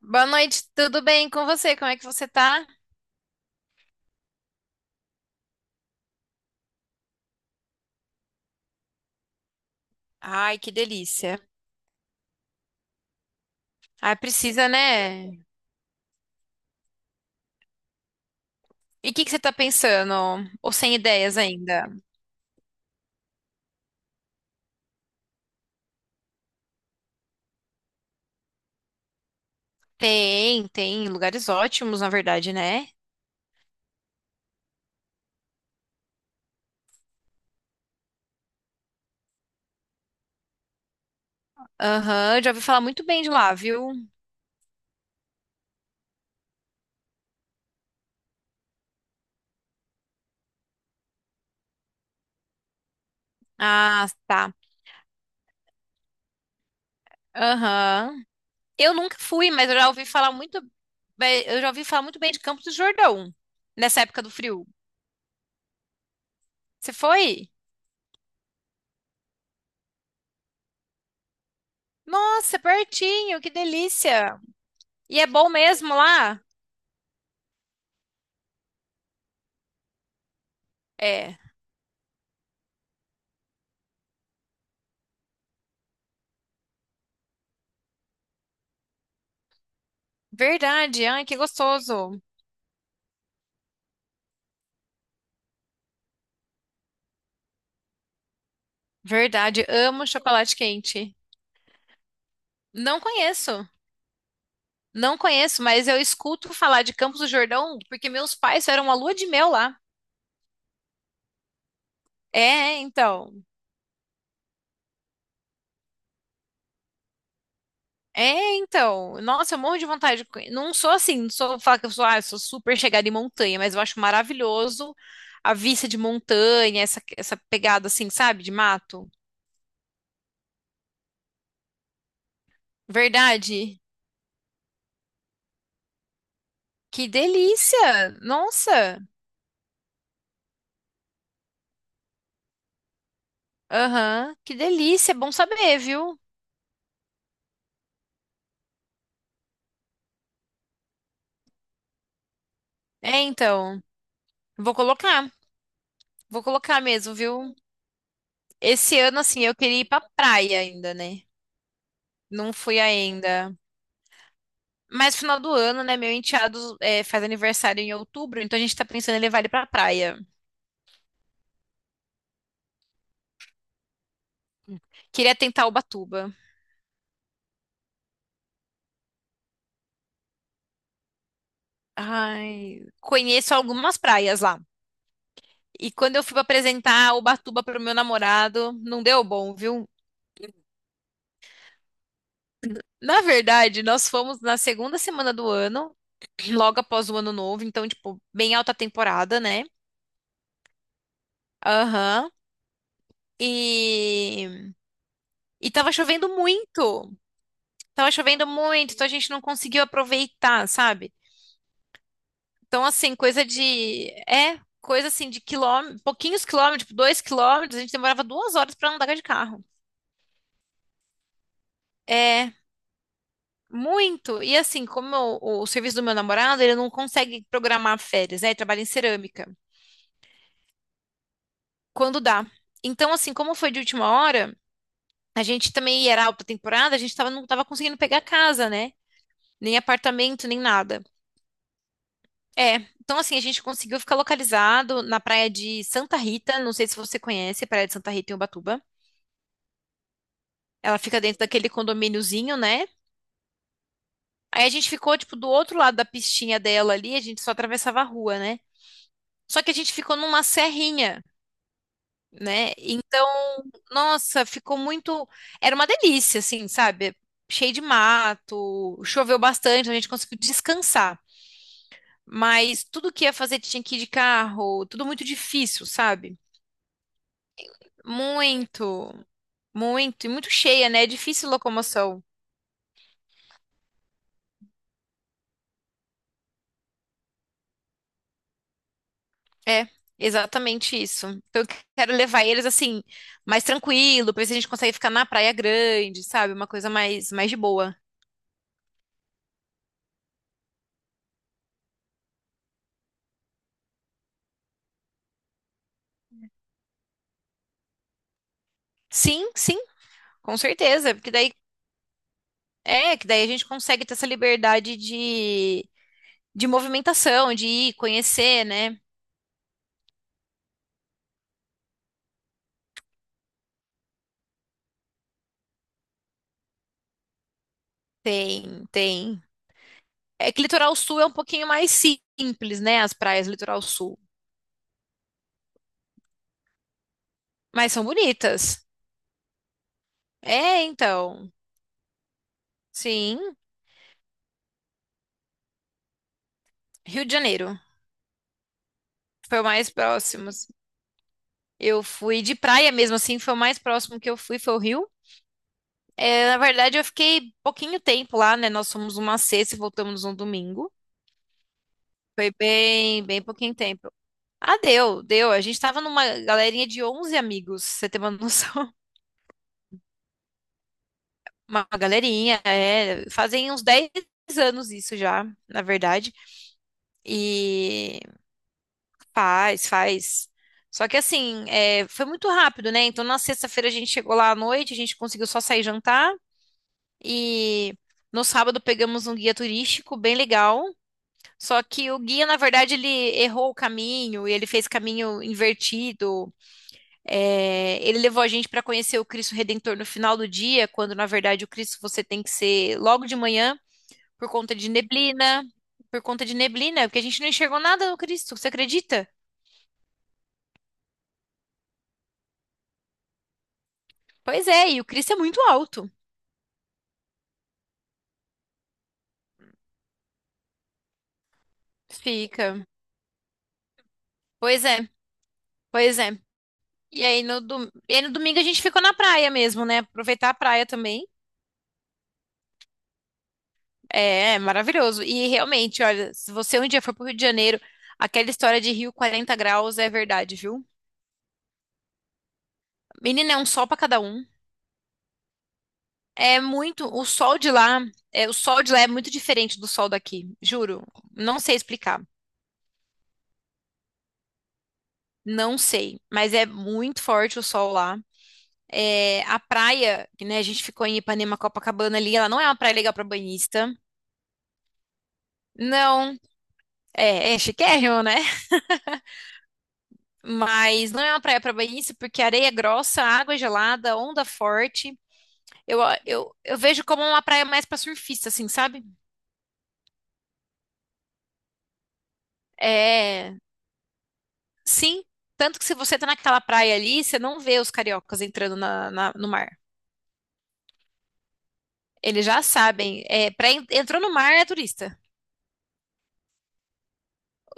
Boa noite, tudo bem com você? Como é que você tá? Ai, que delícia. Ai, precisa, né? E o que que você tá pensando? Ou sem ideias ainda? Tem, tem lugares ótimos, na verdade, né? Aham, já ouvi falar muito bem de lá, viu? Ah, tá. Aham. Eu nunca fui, mas eu já ouvi falar muito bem de Campos do Jordão, nessa época do frio. Você foi? Nossa, pertinho, que delícia. E é bom mesmo lá? É. Verdade, ai, que gostoso. Verdade, amo chocolate quente. Não conheço, não conheço, mas eu escuto falar de Campos do Jordão porque meus pais fizeram uma lua de mel lá. É, então. É, então. Nossa, eu morro de vontade de conhe-, não sou assim, não sou falar que eu sou, ah, eu sou super chegada em montanha, mas eu acho maravilhoso a vista de montanha, essa pegada assim, sabe, de mato. Verdade. Que delícia! Nossa! Aham, que delícia! É bom saber, viu? É, então, vou colocar, vou colocar mesmo, viu? Esse ano, assim, eu queria ir pra praia ainda, né? Não fui ainda. Mas final do ano, né? Meu enteado é, faz aniversário em outubro, então a gente tá pensando em levar ele pra praia. Queria tentar Ubatuba. Ai, conheço algumas praias lá. E quando eu fui pra apresentar Ubatuba pro meu namorado, não deu bom, viu? Na verdade, nós fomos na segunda semana do ano, logo após o ano novo, então, tipo, bem alta temporada, né? Aham. E, e tava chovendo muito. Tava chovendo muito, então a gente não conseguiu aproveitar, sabe? Então, assim, coisa de. É, coisa assim de quilômetros, pouquinhos quilômetros, tipo, dois quilômetros, a gente demorava duas horas pra andar de carro. É, muito. E assim, como o serviço do meu namorado, ele não consegue programar férias, né? Ele trabalha em cerâmica. Quando dá. Então, assim, como foi de última hora, a gente também era alta temporada, não tava conseguindo pegar casa, né? Nem apartamento, nem nada. É, então assim, a gente conseguiu ficar localizado na praia de Santa Rita, não sei se você conhece a praia de Santa Rita em Ubatuba. Ela fica dentro daquele condomíniozinho, né? Aí a gente ficou, tipo, do outro lado da pistinha dela ali, a gente só atravessava a rua, né? Só que a gente ficou numa serrinha, né? Então, nossa, ficou muito. Era uma delícia, assim, sabe? Cheio de mato, choveu bastante, então a gente conseguiu descansar. Mas tudo que ia fazer tinha que ir de carro, tudo muito difícil, sabe? Muito. Muito, e muito cheia, né? É difícil locomoção. É, exatamente isso. Então, eu quero levar eles assim, mais tranquilo, pra ver se a gente consegue ficar na Praia Grande, sabe? Uma coisa mais, mais de boa. Sim, com certeza. Porque daí, é, que daí a gente consegue ter essa liberdade de movimentação, de ir, conhecer, né? Tem, tem. É que litoral sul é um pouquinho mais simples, né? As praias do litoral sul. Mas são bonitas. É, então. Sim, Rio de Janeiro. Foi o mais próximo, assim. Eu fui de praia mesmo, assim, foi o mais próximo que eu fui, foi o Rio. É, na verdade, eu fiquei pouquinho tempo lá, né? Nós fomos uma sexta e voltamos um domingo. Foi bem pouquinho tempo. Ah, deu. A gente tava numa galerinha de 11 amigos, pra você tem uma noção? Uma galerinha, é. Fazem uns 10 anos isso já, na verdade. E faz. Só que assim, é, foi muito rápido, né? Então na sexta-feira a gente chegou lá à noite, a gente conseguiu só sair jantar. E no sábado pegamos um guia turístico bem legal. Só que o guia, na verdade, ele errou o caminho e ele fez caminho invertido. É, ele levou a gente para conhecer o Cristo Redentor no final do dia, quando na verdade o Cristo você tem que ser logo de manhã por conta de neblina, por conta de neblina, porque a gente não enxergou nada no Cristo, você acredita? Pois é, e o Cristo é muito alto. Fica. Pois é, pois é. E aí no domingo a gente ficou na praia mesmo, né? Aproveitar a praia também. É, é maravilhoso. E realmente, olha, se você um dia for pro Rio de Janeiro, aquela história de Rio 40 graus é verdade, viu? Menina, é um sol pra cada um. É muito, o sol de lá, é, o sol de lá é muito diferente do sol daqui, juro. Não sei explicar. Não sei, mas é muito forte o sol lá. É, a praia, que né, a gente ficou em Ipanema, Copacabana ali, ela não é uma praia legal pra banhista. Não, é, é chiquérrimo, né? Mas não é uma praia para banhista porque a areia é grossa, a água é gelada, onda forte. Eu, eu vejo como uma praia mais pra surfista, assim, sabe? É, sim. Tanto que se você tá naquela praia ali, você não vê os cariocas entrando no mar. Eles já sabem. É, pra entrou no mar é turista.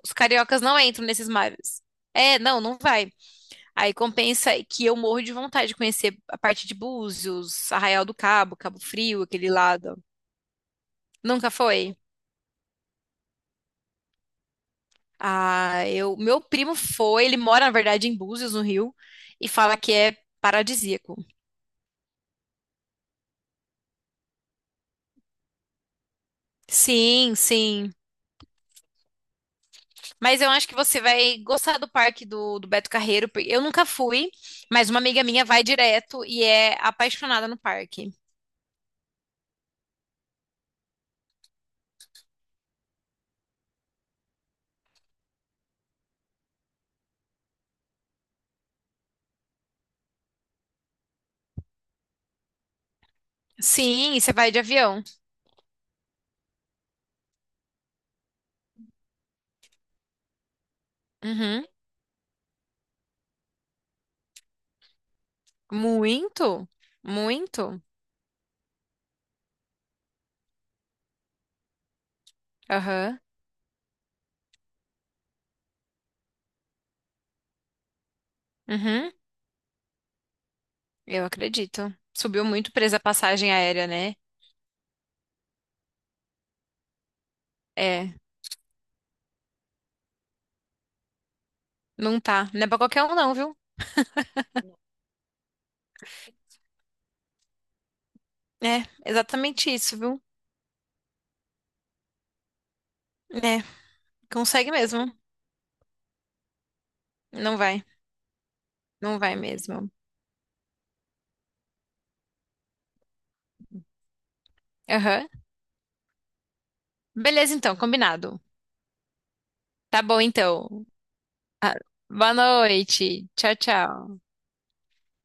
Os cariocas não entram nesses mares. É, não vai. Aí compensa que eu morro de vontade de conhecer a parte de Búzios, Arraial do Cabo, Cabo Frio, aquele lado. Nunca foi. Ah, eu, meu primo foi, ele mora, na verdade, em Búzios, no Rio, e fala que é paradisíaco. Sim. Mas eu acho que você vai gostar do parque do Beto Carreiro. Porque eu nunca fui, mas uma amiga minha vai direto e é apaixonada no parque. Sim, e você vai de avião. Uhum. Muito, muito. Aham. Uhum. Eu acredito. Subiu muito presa a passagem aérea, né? É, não tá. Não é pra qualquer um, não, viu? É, exatamente isso, viu? É, consegue mesmo. Não vai, não vai mesmo. Aham. Beleza, então, combinado. Tá bom, então. Boa noite. Tchau, tchau.